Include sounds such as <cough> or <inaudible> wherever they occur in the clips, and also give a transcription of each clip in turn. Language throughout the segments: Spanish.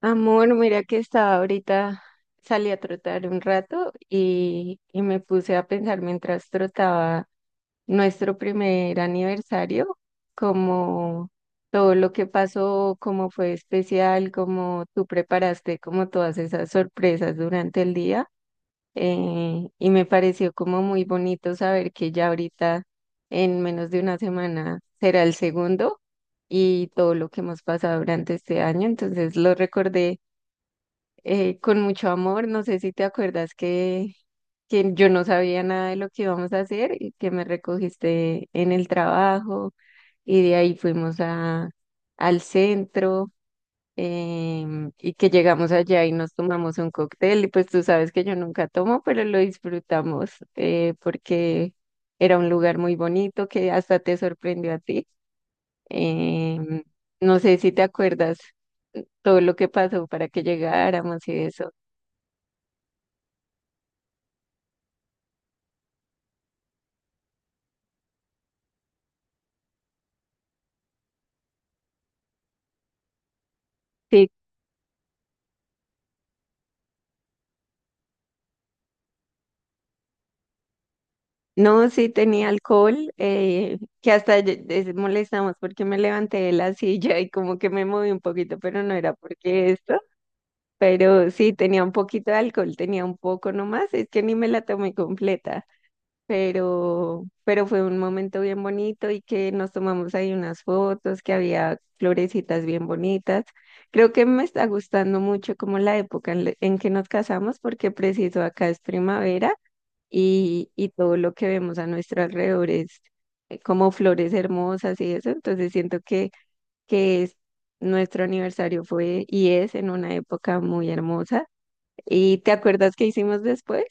Amor, mira que estaba ahorita, salí a trotar un rato y me puse a pensar mientras trotaba nuestro primer aniversario, como todo lo que pasó, cómo fue especial, cómo tú preparaste como todas esas sorpresas durante el día. Y me pareció como muy bonito saber que ya ahorita, en menos de una semana, será el segundo y todo lo que hemos pasado durante este año. Entonces lo recordé con mucho amor. No sé si te acuerdas que yo no sabía nada de lo que íbamos a hacer y que me recogiste en el trabajo y de ahí fuimos al centro, y que llegamos allá y nos tomamos un cóctel. Y pues tú sabes que yo nunca tomo, pero lo disfrutamos, porque era un lugar muy bonito que hasta te sorprendió a ti. Em, no sé si te acuerdas todo lo que pasó para que llegáramos y eso. Sí. No, sí tenía alcohol, que hasta molestamos porque me levanté de la silla y como que me moví un poquito, pero no era porque esto, pero sí tenía un poquito de alcohol, tenía un poco nomás, es que ni me la tomé completa, pero fue un momento bien bonito y que nos tomamos ahí unas fotos, que había florecitas bien bonitas. Creo que me está gustando mucho como la época en que nos casamos porque preciso acá es primavera y todo lo que vemos a nuestro alrededor es, como flores hermosas y eso. Entonces siento que es, nuestro aniversario fue y es en una época muy hermosa. ¿Y te acuerdas qué hicimos después?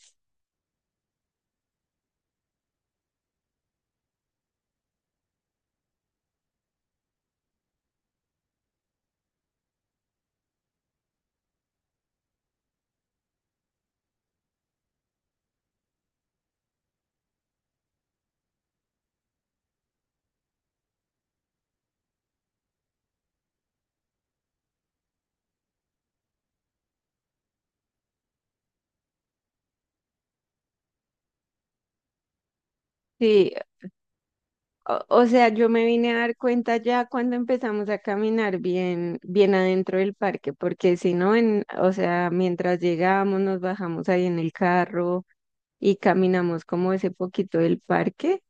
Sí, o sea, yo me vine a dar cuenta ya cuando empezamos a caminar bien, bien adentro del parque, porque si no, o sea, mientras llegábamos, nos bajamos ahí en el carro y caminamos como ese poquito del parque.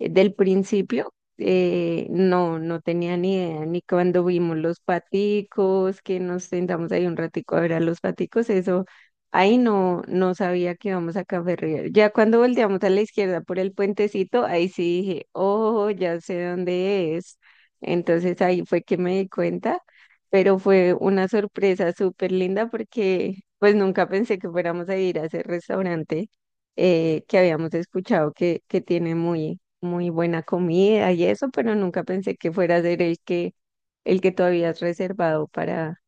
Del principio, no, no tenía ni idea, ni cuando vimos los paticos, que nos sentamos ahí un ratico a ver a los paticos, eso, ahí no, no sabía que íbamos a Café River. Ya cuando volteamos a la izquierda por el puentecito, ahí sí dije, oh, ya sé dónde es. Entonces ahí fue que me di cuenta, pero fue una sorpresa súper linda porque pues nunca pensé que fuéramos a ir a ese restaurante, que habíamos escuchado que tiene muy, muy buena comida y eso, pero nunca pensé que fuera a ser el que tú habías reservado para,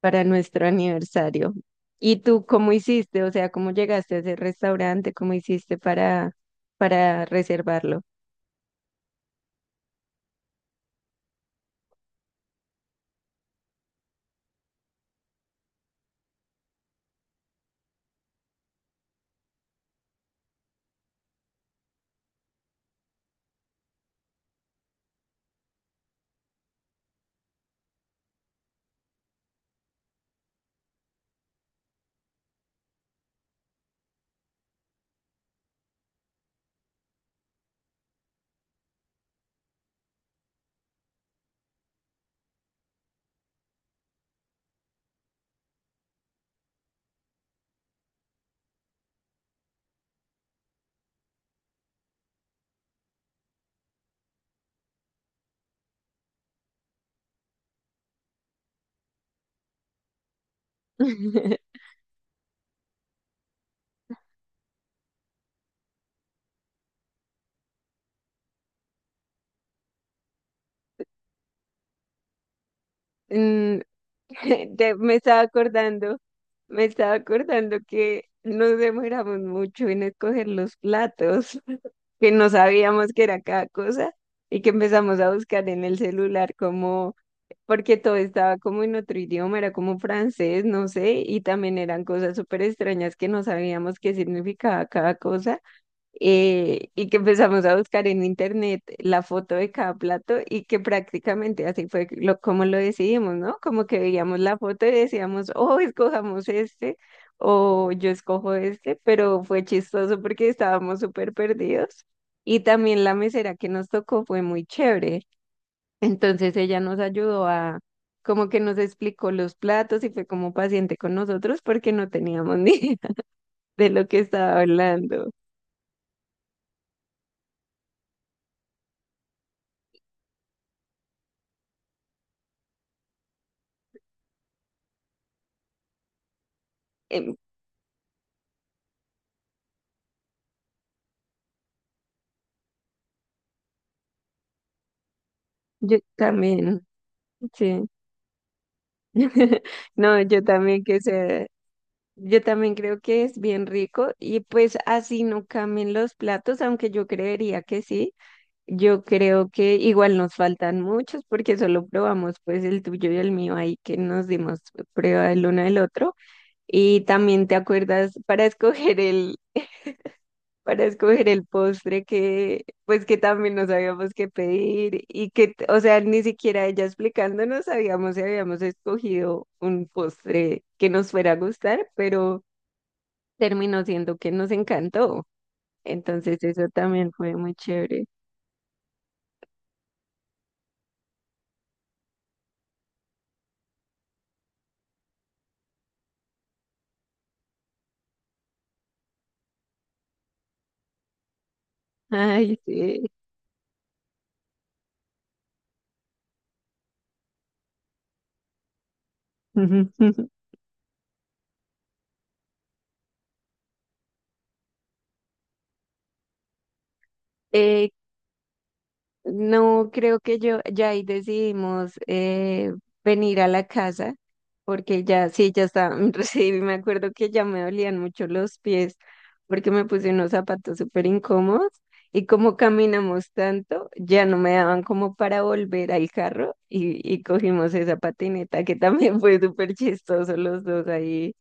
para nuestro aniversario. ¿Y tú cómo hiciste? O sea, ¿cómo llegaste a ese restaurante? ¿Cómo hiciste para reservarlo? <laughs> Mm. <laughs> te- me estaba acordando, me estaba acordando que nos demoramos mucho en escoger los platos. <laughs> Que no sabíamos que era cada cosa y que empezamos a buscar en el celular como, porque todo estaba como en otro idioma, era como francés, no sé, y también eran cosas súper extrañas que no sabíamos qué significaba cada cosa, y que empezamos a buscar en internet la foto de cada plato y que prácticamente así fue lo, como lo decidimos, ¿no? Como que veíamos la foto y decíamos, oh, escojamos este o yo escojo este, pero fue chistoso porque estábamos súper perdidos. Y también la mesera que nos tocó fue muy chévere. Entonces ella nos ayudó a, como que nos explicó los platos y fue como paciente con nosotros porque no teníamos <laughs> ni idea de lo que estaba hablando. Em, Yo también. Sí. <laughs> No, yo también que sé, yo también creo que es bien rico y pues así no cambien los platos, aunque yo creería que sí. Yo creo que igual nos faltan muchos porque solo probamos pues el tuyo y el mío ahí que nos dimos prueba el uno del otro y también te acuerdas para <laughs> escoger el para escoger el postre que, pues que también no sabíamos qué pedir y que, o sea, ni siquiera ella explicándonos sabíamos si habíamos escogido un postre que nos fuera a gustar, pero terminó siendo que nos encantó. Entonces eso también fue muy chévere. Ay, sí. <laughs> Eh, No, creo que yo ya ahí decidimos, venir a la casa porque ya sí, ya estaba, <laughs> recibí, me acuerdo que ya me dolían mucho los pies porque me puse unos zapatos súper incómodos y como caminamos tanto, ya no me daban como para volver al carro y cogimos esa patineta que también fue súper chistoso los dos ahí,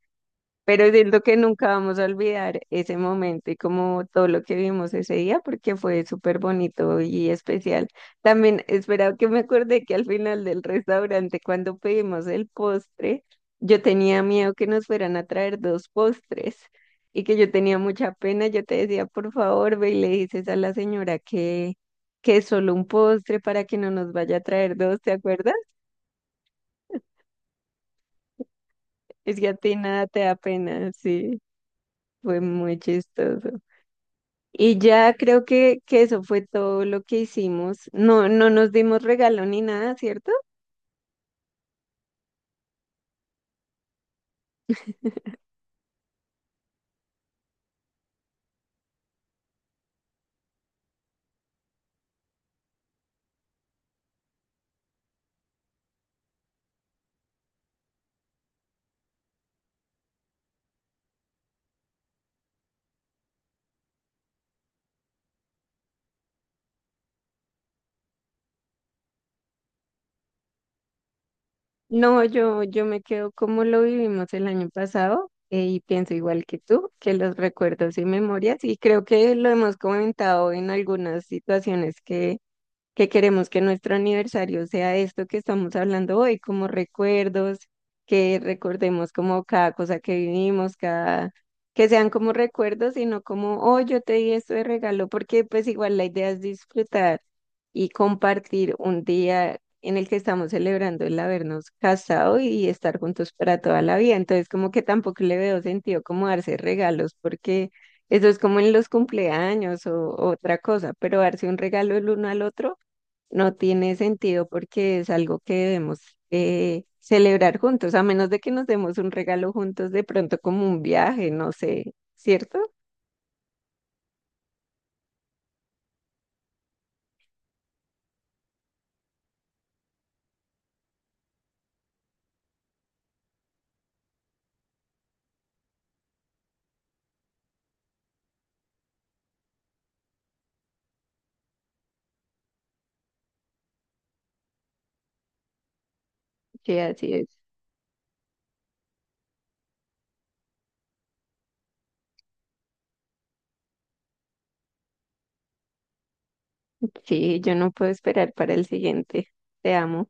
pero siento que nunca vamos a olvidar ese momento y como todo lo que vimos ese día, porque fue súper bonito y especial. También esperaba que me acordé que al final del restaurante, cuando pedimos el postre, yo tenía miedo que nos fueran a traer dos postres y que yo tenía mucha pena. Yo te decía, por favor, ve y le dices a la señora que es solo un postre para que no nos vaya a traer dos, ¿te acuerdas? Es que a ti nada te da pena, sí, fue muy chistoso. Y ya creo que eso fue todo lo que hicimos. No, no nos dimos regalo ni nada, ¿cierto? No, yo me quedo como lo vivimos el año pasado, y pienso igual que tú, que los recuerdos y memorias, y creo que lo hemos comentado en algunas situaciones que queremos que nuestro aniversario sea esto que estamos hablando hoy, como recuerdos, que recordemos como cada cosa que vivimos, cada, que sean como recuerdos y no como, oh, yo te di esto de regalo, porque pues igual la idea es disfrutar y compartir un día en el que estamos celebrando el habernos casado y estar juntos para toda la vida. Entonces, como que tampoco le veo sentido como darse regalos, porque eso es como en los cumpleaños o otra cosa, pero darse un regalo el uno al otro no tiene sentido porque es algo que debemos, celebrar juntos, a menos de que nos demos un regalo juntos de pronto como un viaje, no sé, ¿cierto? Sí, así es. Sí, yo no puedo esperar para el siguiente. Te amo.